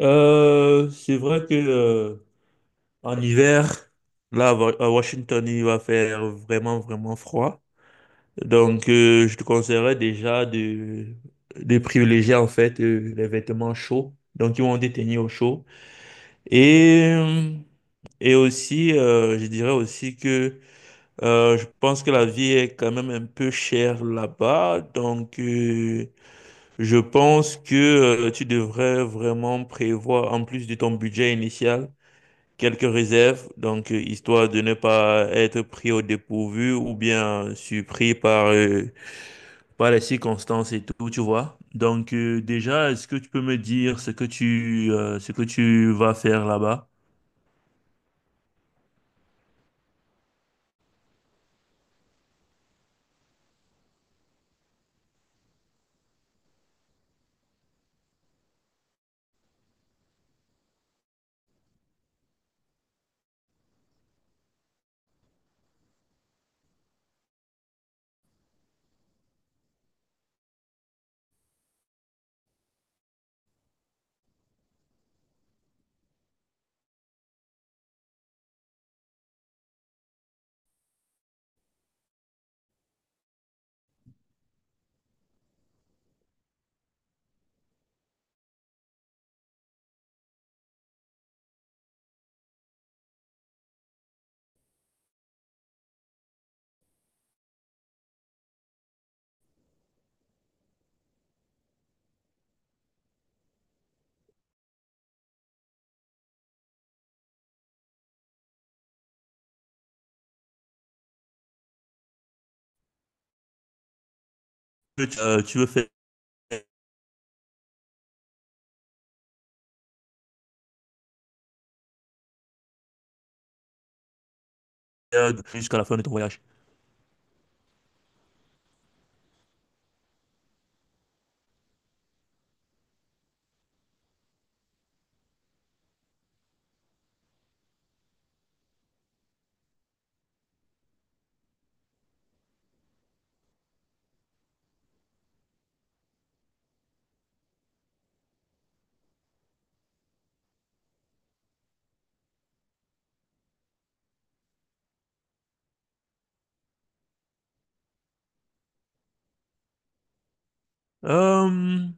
C'est vrai que en hiver, là à Washington, il va faire vraiment vraiment froid. Donc, je te conseillerais déjà de privilégier en fait les vêtements chauds, donc ils vont te tenir au chaud. Et euh, et aussi, je dirais aussi que je pense que la vie est quand même un peu chère là-bas, donc je pense que tu devrais vraiment prévoir en plus de ton budget initial quelques réserves, donc histoire de ne pas être pris au dépourvu ou bien surpris par les circonstances et tout, tu vois. Donc déjà, est-ce que tu peux me dire ce que tu, ce que tu vas faire là-bas? Que tu, tu veux faire jusqu'à la fin de ton voyage? Euh,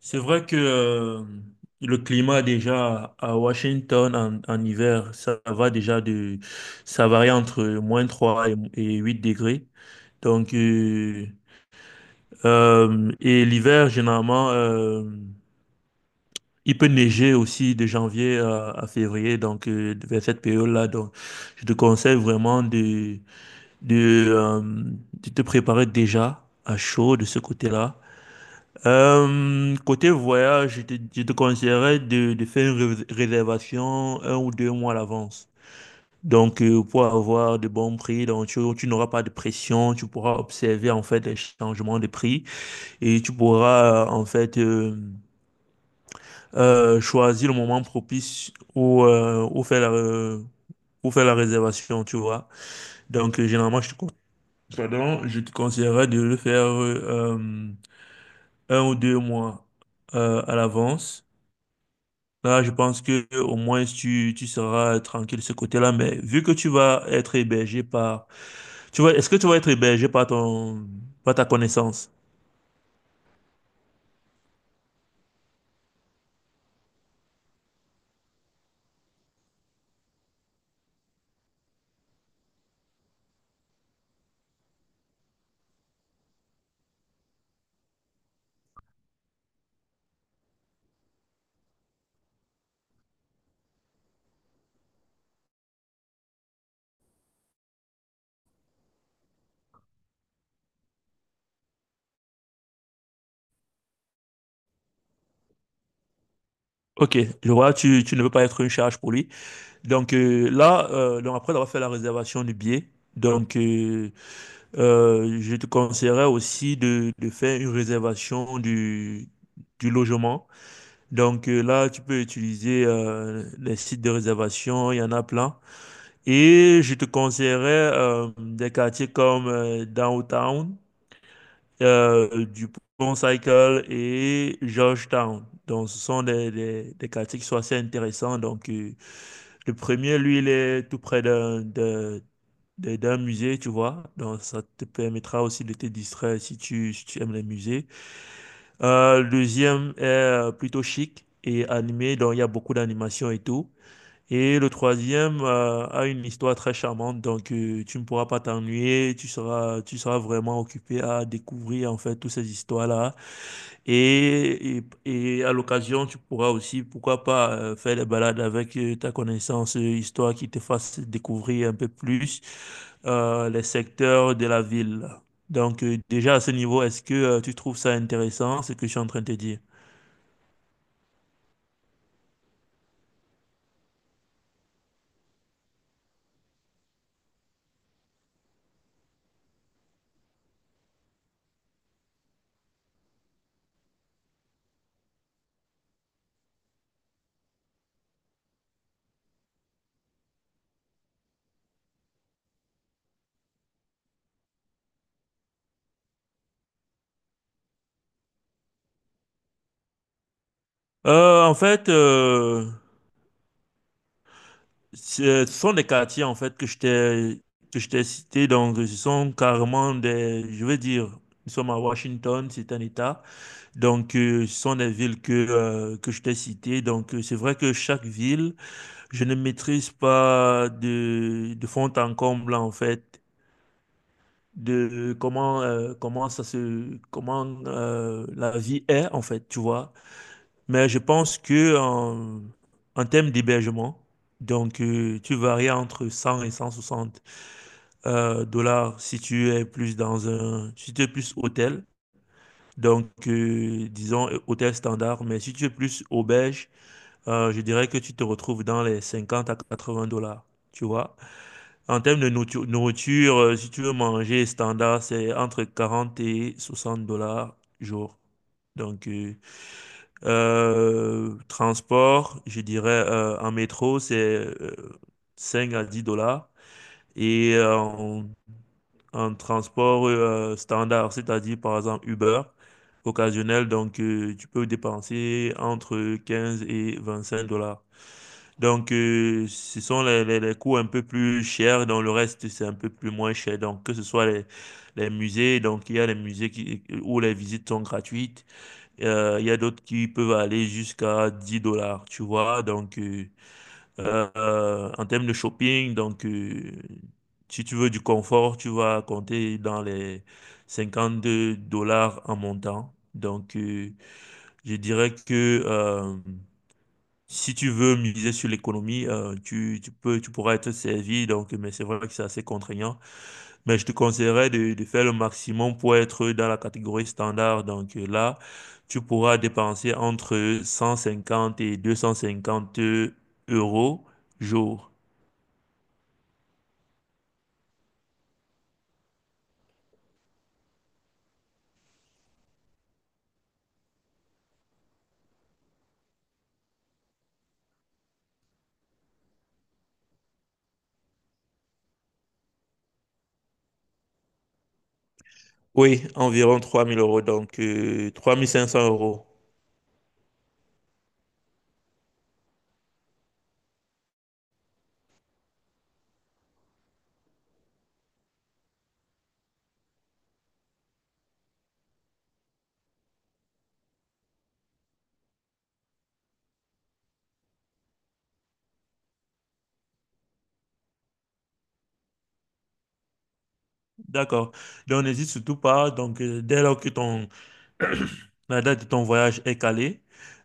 c'est vrai que le climat déjà à Washington en hiver, ça va déjà de, ça varie entre moins 3 et 8 degrés. Donc, euh, et l'hiver, généralement, il peut neiger aussi de à février, donc vers cette période-là. Donc, je te conseille vraiment de te préparer déjà à chaud de ce côté-là. Côté voyage, je te conseillerais de faire une réservation un ou deux mois à l'avance. Donc, pour avoir de bons prix, donc tu n'auras pas de pression, tu pourras observer en fait les changements de prix et tu pourras en fait choisir le moment propice où faire où faire la réservation, tu vois. Donc, généralement, pardon, je te conseillerais de le faire un ou deux mois à l'avance. Là, je pense que au moins tu seras tranquille de ce côté-là, mais vu que tu vas être hébergé par... Tu vois, est-ce que tu vas être hébergé par par ta connaissance? Ok, je vois, tu ne veux pas être une charge pour lui. Donc là, donc après avoir fait la réservation du billet, donc je te conseillerais aussi de faire une réservation du logement. Donc là, tu peux utiliser les sites de réservation, il y en a plein. Et je te conseillerais des quartiers comme Downtown du Pont Cycle et Georgetown. Donc, ce sont des quartiers qui sont assez intéressants. Donc, le premier, lui, il est tout près d'un musée, tu vois. Donc, ça te permettra aussi de te distraire si si tu aimes les musées. Le deuxième est plutôt chic et animé. Donc, il y a beaucoup d'animation et tout. Et le troisième a une histoire très charmante, donc tu ne pourras pas t'ennuyer, tu seras vraiment occupé à découvrir en fait toutes ces histoires-là. Et, et à l'occasion, tu pourras aussi, pourquoi pas, faire des balades avec ta connaissance, histoire qui te fasse découvrir un peu plus les secteurs de la ville. Donc déjà à ce niveau, est-ce que tu trouves ça intéressant, ce que je suis en train de te dire? Euh, en fait... euh, Ce sont des quartiers en fait que je t'ai cités, donc ce sont carrément des, je veux dire, nous sommes à Washington, c'est un État, donc ce sont des villes que je t'ai citées, donc c'est vrai que chaque ville, je ne maîtrise pas de fond en comble en fait de comment comment ça se comment la vie est en fait, tu vois. Mais je pense que en termes d'hébergement, donc tu varies entre 100 et 160 dollars si tu es plus dans si tu es plus hôtel. Donc, disons hôtel standard, mais si tu es plus auberge, je dirais que tu te retrouves dans les 50 à 80 dollars. Tu vois? En termes de nourriture, si tu veux manger standard, c'est entre 40 et 60 $ jour. Donc, transport, je dirais en métro, c'est 5 à 10 dollars. Et en transport standard, c'est-à-dire par exemple Uber, occasionnel, donc tu peux dépenser entre 15 et 25 dollars. Donc ce sont les coûts un peu plus chers, dans le reste c'est un peu plus moins cher. Donc que ce soit les musées, donc il y a les musées où les visites sont gratuites. Il y a d'autres qui peuvent aller jusqu'à 10 dollars, tu vois. Donc, en termes de shopping, donc, si tu veux du confort, tu vas compter dans les 52 dollars en montant. Donc, je dirais que si tu veux miser sur l'économie, tu, tu pourras être servi. Donc, mais c'est vrai que c'est assez contraignant. Mais je te conseillerais de faire le maximum pour être dans la catégorie standard. Donc là, tu pourras dépenser entre 150 et 250 euros jour. Oui, environ 3000 euros, donc 3500 euros. D'accord. Donc n'hésite surtout pas. Donc dès lors que ton, la date de ton voyage est calée.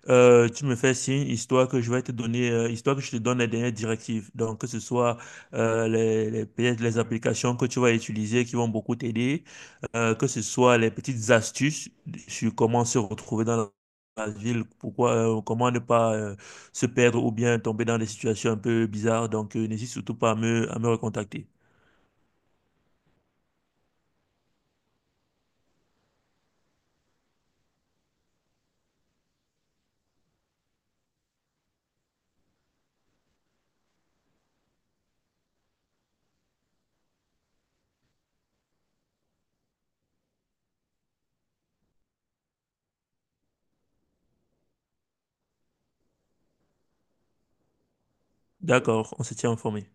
Tu me fais signe, histoire que je vais te donner, histoire que je te donne les dernières directives. Donc, que ce soit peut-être les applications que tu vas utiliser qui vont beaucoup t'aider, que ce soit les petites astuces sur comment se retrouver dans la ville, pourquoi, comment ne pas se perdre ou bien tomber dans des situations un peu bizarres. Donc, n'hésite surtout pas à à me recontacter. D'accord, on se tient informé.